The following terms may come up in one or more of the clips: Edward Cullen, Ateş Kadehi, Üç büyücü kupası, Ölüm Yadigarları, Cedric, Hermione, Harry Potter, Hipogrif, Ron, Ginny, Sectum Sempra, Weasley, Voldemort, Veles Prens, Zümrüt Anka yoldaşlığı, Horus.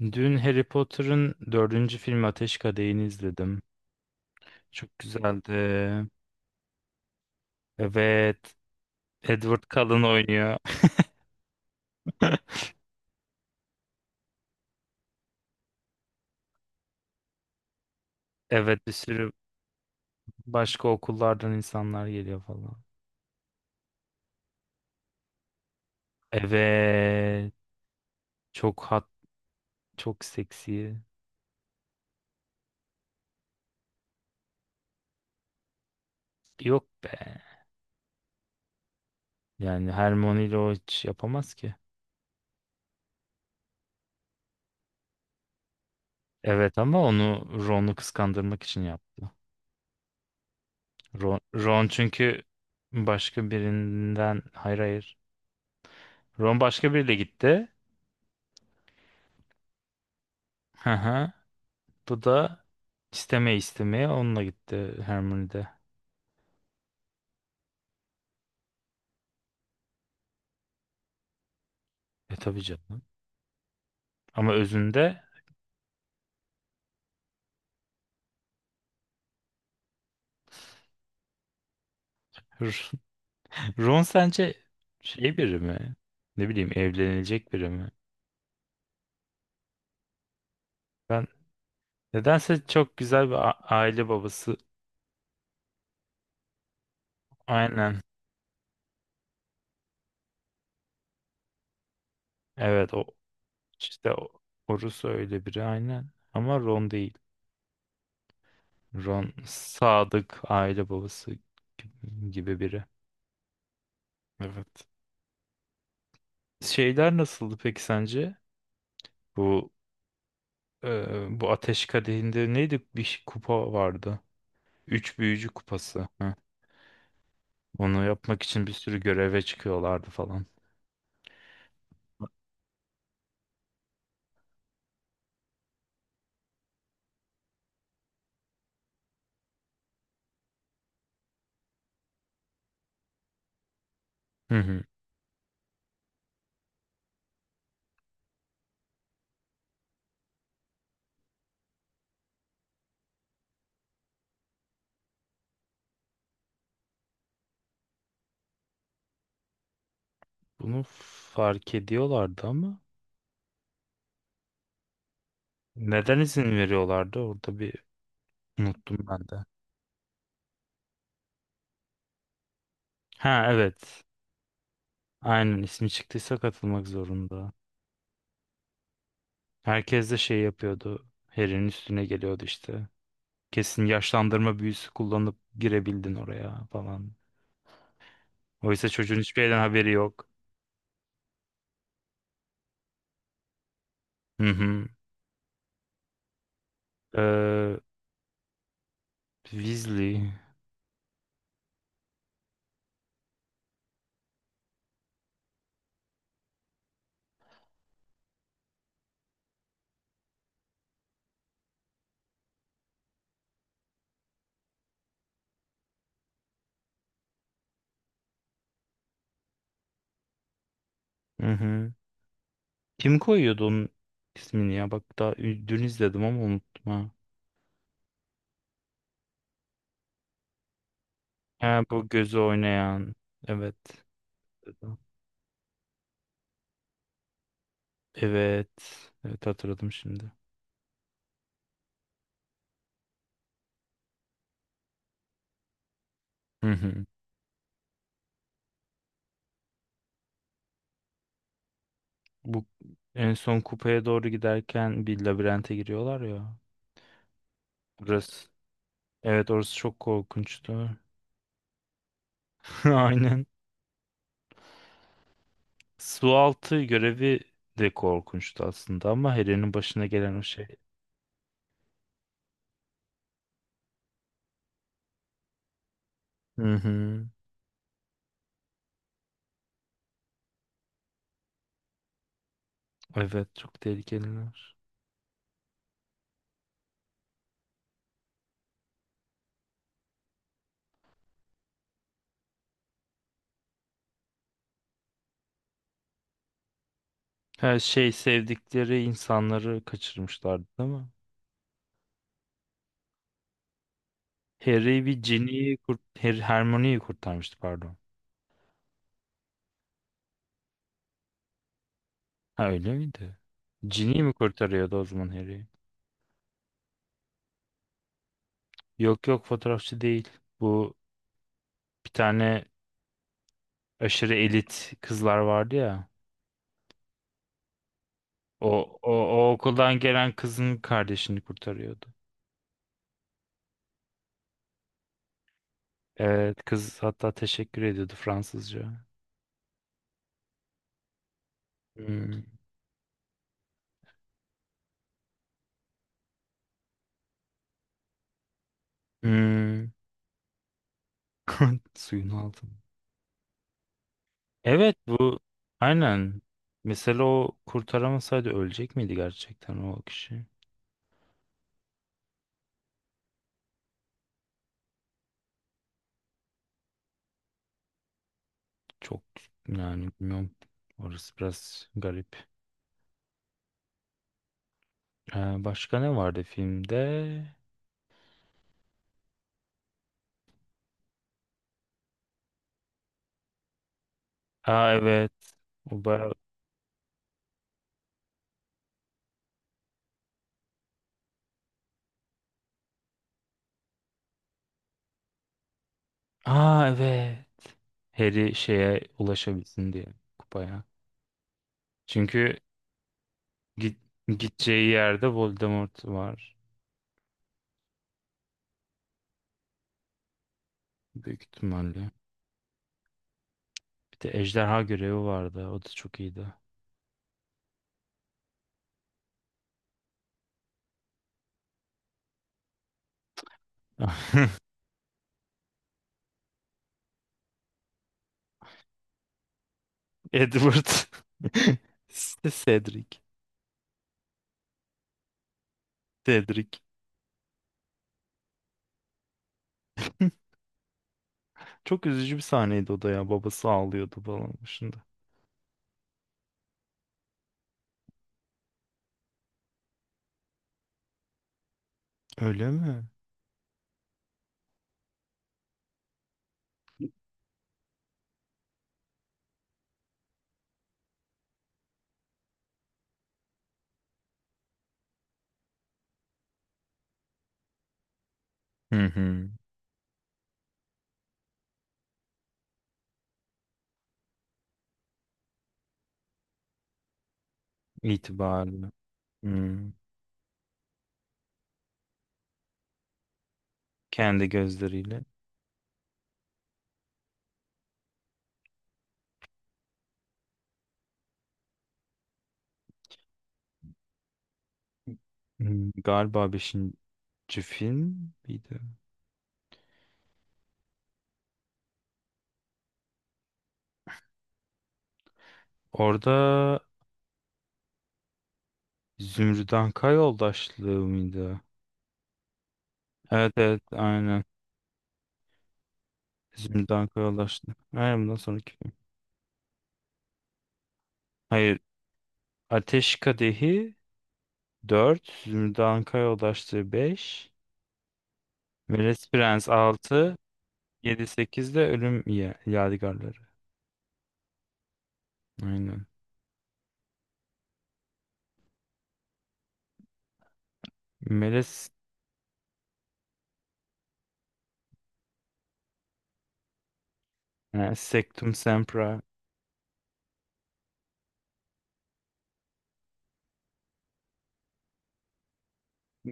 Dün Harry Potter'ın dördüncü filmi Ateş Kadehi'ni izledim. Çok güzeldi. Evet. Edward Cullen oynuyor. Evet, bir sürü başka okullardan insanlar geliyor falan. Evet. Çok hat, çok seksi. Yok be. Yani Hermione ile o hiç yapamaz ki. Evet, ama onu Ron'u kıskandırmak için yaptı. Ron çünkü başka birinden. Hayır, hayır. Ron başka biriyle gitti. Hı hı. Bu da istemeye onunla gitti Hermione'de. E, tabii canım. Ama özünde… Ron sence şey biri mi? Ne bileyim, evlenilecek biri mi? Ben nedense çok güzel bir aile babası. Aynen. Evet, o işte. O, Horus öyle biri aynen. Ama Ron değil. Ron sadık aile babası gibi biri. Evet. Şeyler nasıldı peki sence? Bu bu Ateş Kadehi'nde neydi? Bir kupa vardı. Üç Büyücü Kupası. Heh. Onu yapmak için bir sürü göreve çıkıyorlardı falan. Hı hı. Bunu fark ediyorlardı ama neden izin veriyorlardı? Orada bir… Unuttum ben de. Ha, evet. Aynen, ismi çıktıysa katılmak zorunda. Herkes de şey yapıyordu. Harry'nin üstüne geliyordu işte. Kesin yaşlandırma büyüsü kullanıp girebildin oraya falan. Oysa çocuğun hiçbir yerden haberi yok. Hı hı. Weasley. Hı hı. Kim koyuyordu onun ismini ya? Bak, daha dün izledim ama unuttum ha. Ha, bu gözü oynayan. Evet. Evet. Evet, hatırladım şimdi. Hı hı. Bu en son kupaya doğru giderken bir labirente giriyorlar ya. Burası. Evet, orası çok korkunçtu. Aynen. Su altı görevi de korkunçtu aslında, ama Harry'nin başına gelen o şey. Hı hı. Evet, çok tehlikeliler. Her şey sevdikleri insanları kaçırmışlardı değil mi? Harry bir Ginny'yi kurt Her Hermione'yi kurtarmıştı, pardon. Ha, öyle miydi? Ginny mi kurtarıyordu o zaman Harry'i? Yok yok, fotoğrafçı değil. Bu bir tane aşırı elit kızlar vardı ya. O okuldan gelen kızın kardeşini kurtarıyordu. Evet, kız hatta teşekkür ediyordu Fransızca. Hmm. Hmm. Suyun altında. Evet, bu aynen. Mesela o kurtaramasaydı ölecek miydi gerçekten o kişi? Çok Yani bilmiyorum. Orası biraz garip. Başka ne vardı filmde? Aa, evet. O bayağı… Aa, evet. Harry şeye ulaşabilsin diye, kupaya. Çünkü git, gideceği yerde Voldemort var. Büyük ihtimalle. Bir de ejderha görevi vardı. O da çok iyiydi. Edward. Cedric. Cedric. Çok üzücü bir sahneydi o da ya. Babası ağlıyordu falan başında. Öyle mi? Hı hı. İtibarlı. Hı. Kendi gözleriyle. Hı. Galiba beşinci film miydi? Orada Zümrüt Anka yoldaşlığı mıydı? Evet evet, aynen. Zümrüt Anka yoldaşlığı. Aynen, bundan sonraki film. Hayır. Ateş Kadehi dört, Zümrüt Anka yoldaşlığı 5. Veles Prens altı, yedi 8 de Ölüm Yadigarları. Aynen. Meles… Ha, Sectum Sempra.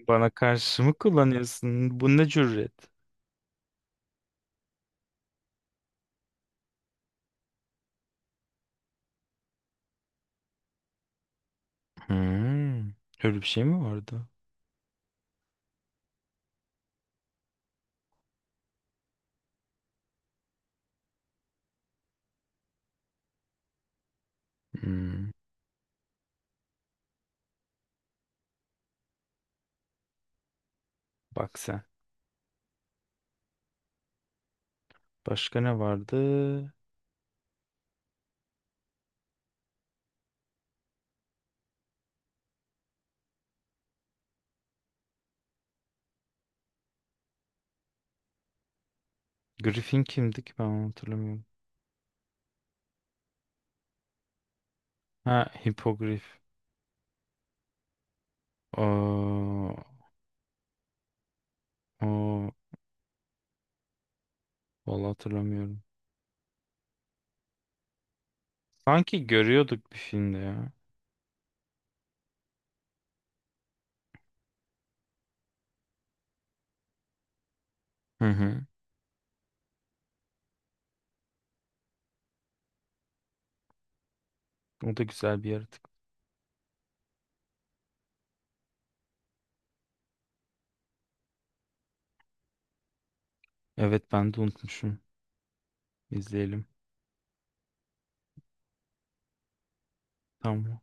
Bana karşı mı kullanıyorsun? Bu ne cüret? Hmm. Öyle bir şey mi vardı? Hmm. Bak sen. Başka ne vardı? Griffin kimdi ki, ben onu hatırlamıyorum. Ha, Hipogrif. Oo, oo, vallahi hatırlamıyorum. Sanki görüyorduk bir filmde ya. Hı hı. O da güzel bir yaratık. Evet, ben de unutmuşum. İzleyelim. Tamam.